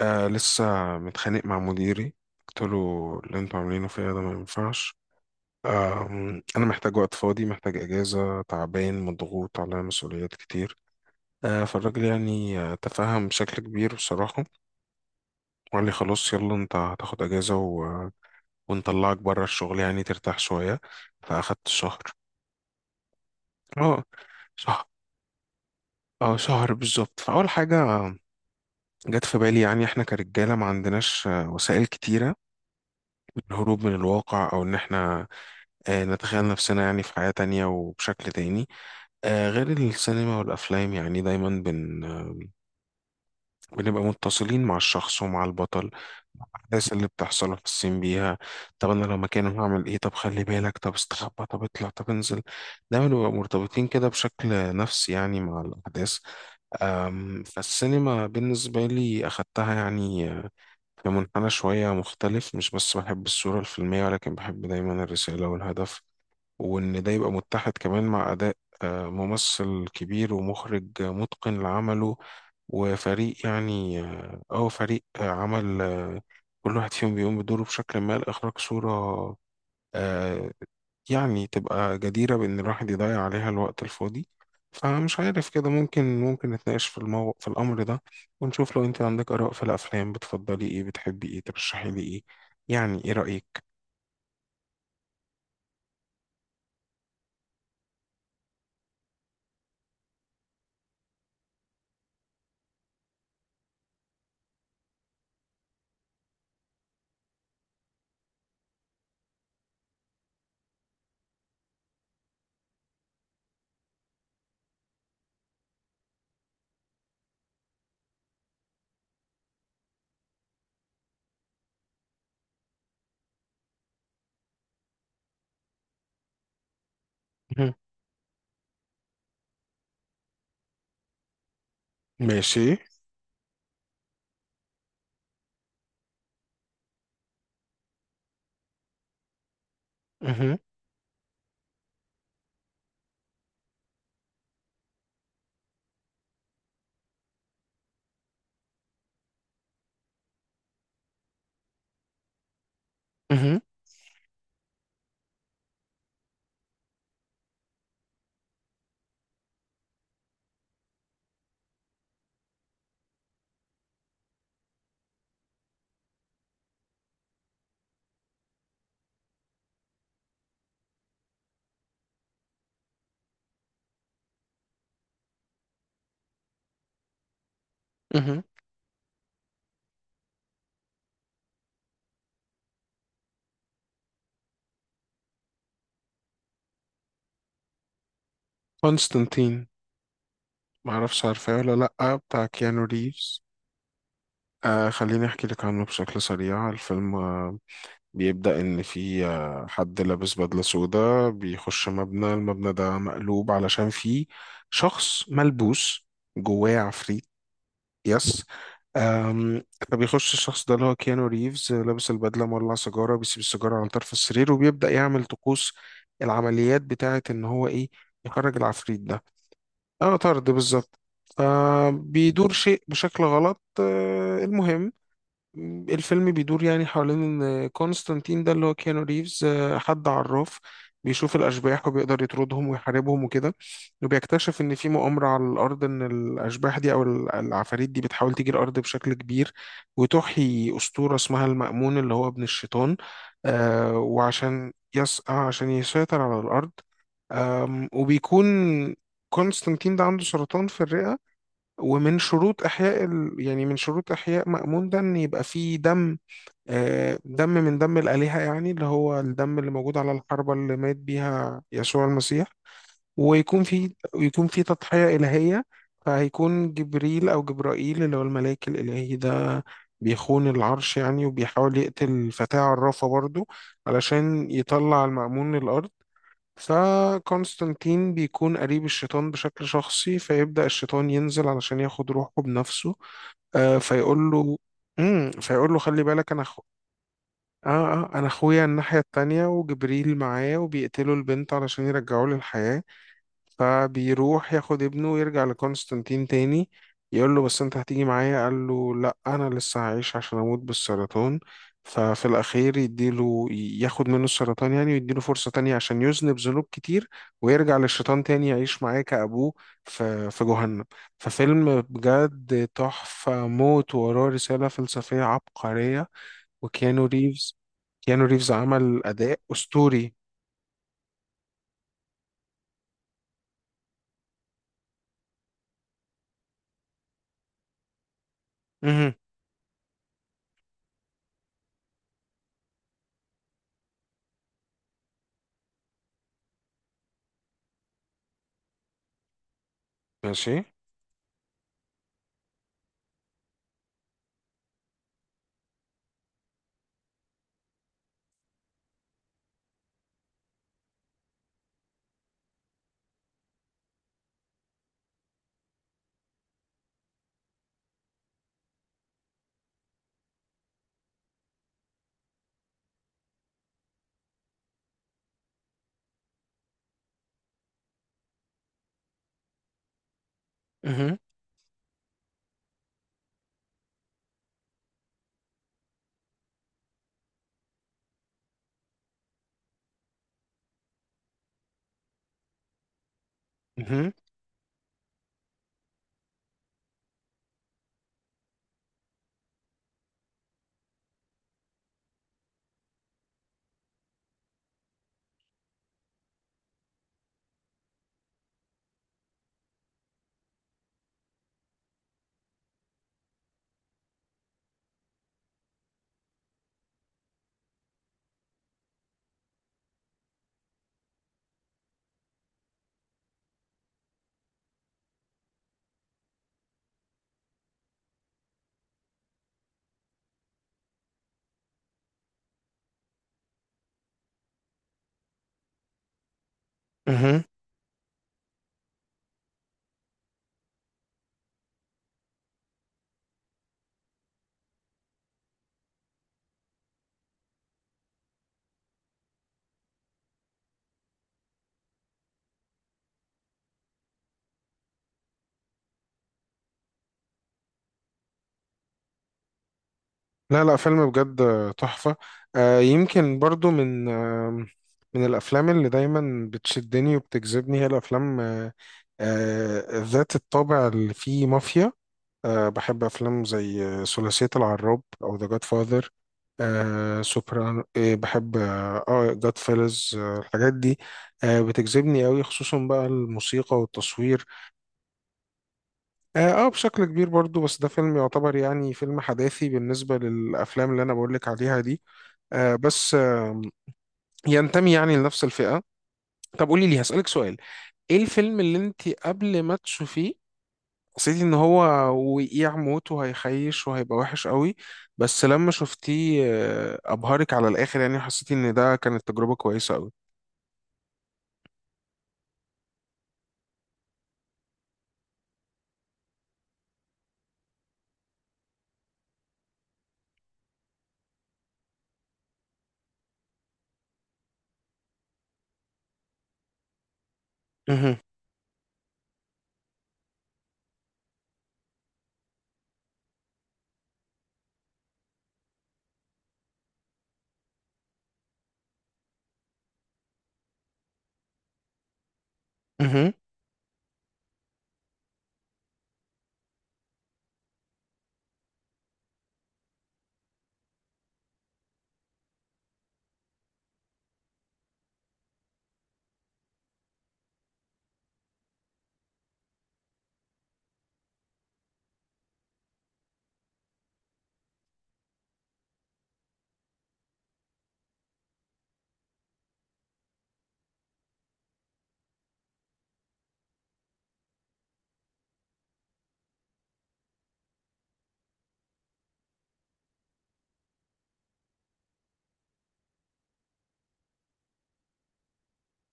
لسه متخانق مع مديري. قلت له اللي انتوا عاملينه فيا ده ما ينفعش. آه انا محتاج وقت فاضي، محتاج اجازه، تعبان مضغوط على مسؤوليات كتير. فالراجل يعني تفهم بشكل كبير بصراحه، وقال لي خلاص يلا انت هتاخد اجازه ونطلعك بره الشغل يعني ترتاح شويه. فاخدت شهر، اه شهر، اه شهر بالظبط. فاول حاجه جت في بالي يعني احنا كرجاله ما عندناش وسائل كتيره للهروب من الواقع، او ان احنا نتخيل نفسنا يعني في حياة تانية وبشكل تاني. غير السينما والأفلام يعني دايما بن... آه، بنبقى متصلين مع الشخص ومع البطل، الأحداث اللي بتحصل وحاسين بيها. طب أنا لو مكانه هعمل إيه، طب خلي بالك، طب استخبى، طب اطلع، طب انزل. دايما بنبقى مرتبطين كده بشكل نفسي يعني مع الأحداث. فالسينما بالنسبة لي أخدتها يعني في منحنى شوية مختلف. مش بس بحب الصورة الفيلمية ولكن بحب دايما الرسالة والهدف، وإن ده يبقى متحد كمان مع أداء ممثل كبير ومخرج متقن لعمله، وفريق يعني اه، أو فريق عمل، كل واحد فيهم بيقوم بدوره بشكل ما لإخراج صورة آه، يعني تبقى جديرة بإن الواحد يضيع عليها الوقت الفاضي. فمش عارف كده ممكن نتناقش في الأمر ده، ونشوف لو أنت عندك آراء في الأفلام. بتفضلي إيه، بتحبي إيه، ترشحي لي إيه، يعني إيه رأيك؟ مهم. ماشي. مهم. مهم. مهم. كونستانتين، معرفش عارفاه ولا لأ، بتاع كيانو ريفز. خليني أحكي لك عنه بشكل سريع. الفيلم بيبدأ إن في حد لابس بدلة سودا بيخش مبنى. المبنى ده مقلوب علشان فيه شخص ملبوس، جواه عفريت. يس. أم، فبيخش الشخص ده اللي هو كيانو ريفز لابس البدلة، مولع سيجارة، بيسيب السيجارة على طرف السرير وبيبدأ يعمل طقوس العمليات بتاعة إن هو إيه، يخرج العفريت ده. اه طرد بالظبط. فبيدور شيء بشكل غلط. المهم الفيلم بيدور يعني حوالين ان كونستانتين ده اللي هو كيانو ريفز حد عراف، بيشوف الاشباح وبيقدر يطردهم ويحاربهم وكده. وبيكتشف ان في مؤامره على الارض، ان الاشباح دي او العفاريت دي بتحاول تيجي الارض بشكل كبير، وتحيي اسطوره اسمها المأمون اللي هو ابن الشيطان، وعشان يس... آه، عشان يسيطر على الارض. وبيكون كونستانتين ده عنده سرطان في الرئة. ومن شروط إحياء ال... يعني من شروط إحياء مأمون ده إن يبقى فيه دم، دم من دم الآلهة يعني، اللي هو الدم اللي موجود على الحربة اللي مات بيها يسوع المسيح، ويكون فيه ويكون فيه تضحية إلهية. فهيكون جبريل أو جبرائيل اللي هو الملاك الإلهي ده بيخون العرش يعني، وبيحاول يقتل فتاة عرافة برضو علشان يطلع المأمون للأرض. فكونستانتين بيكون قريب الشيطان بشكل شخصي، فيبدأ الشيطان ينزل علشان ياخد روحه بنفسه. فيقول له، فيقول له خلي بالك انا اه انا اخويا الناحية التانية، وجبريل معايا وبيقتلوا البنت علشان يرجعوه للحياة. فبيروح ياخد ابنه ويرجع لكونستانتين تاني، يقول له بس انت هتيجي معايا. قال له لا انا لسه هعيش عشان اموت بالسرطان. ففي الاخير يديله، ياخد منه السرطان يعني، ويديله فرصة تانية عشان يذنب ذنوب كتير ويرجع للشيطان تاني يعيش معاه كأبوه في جهنم. ففيلم بجد تحفة موت، وراه رسالة فلسفية عبقرية. وكيانو ريفز كيانو ريفز عمل أداء أسطوري. مهم. ماشي. مهم. مهم. مهم. لا لا، فيلم بجد تحفة. يمكن برضو من من الأفلام اللي دايما بتشدني وبتجذبني هي الأفلام ذات الطابع اللي فيه مافيا. بحب أفلام زي ثلاثية العراب أو ذا جاد فاذر، سوبرانو، بحب اه جاد فيلز، الحاجات دي بتجذبني قوي، خصوصا بقى الموسيقى والتصوير. اه بشكل كبير برضو، بس ده فيلم يعتبر يعني فيلم حداثي بالنسبة للأفلام اللي أنا بقولك عليها دي، آه، بس آه، ينتمي يعني لنفس الفئة. طب قولي لي، هسألك سؤال، ايه الفيلم اللي انت قبل ما تشوفيه حسيتي ان هو وقيع موت وهيخيش وهيبقى وحش قوي، بس لما شفتيه ابهرك على الاخر يعني، حسيتي ان ده كانت تجربة كويسة قوي؟ مهم. مهم.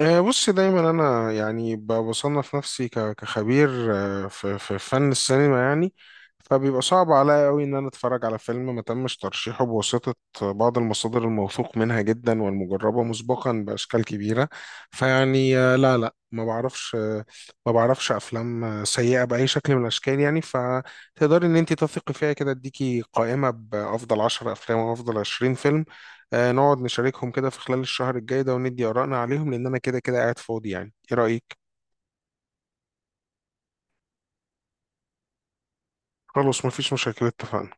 بص دايما انا يعني بصنف نفسي كخبير في فن السينما يعني، فبيبقى صعب عليا قوي ان انا اتفرج على فيلم ما تمش ترشيحه بواسطة بعض المصادر الموثوق منها جدا والمجربة مسبقا باشكال كبيرة. فيعني لا لا، ما بعرفش ما بعرفش افلام سيئة باي شكل من الاشكال يعني، فتقدري ان انت تثقي فيها. كده اديكي قائمة بافضل 10 افلام وافضل 20 فيلم، نقعد نشاركهم كده في خلال الشهر الجاي ده، وندي آرائنا عليهم، لأن أنا كده كده قاعد فاضي، يعني إيه رأيك؟ خلاص مفيش مشاكل، اتفقنا.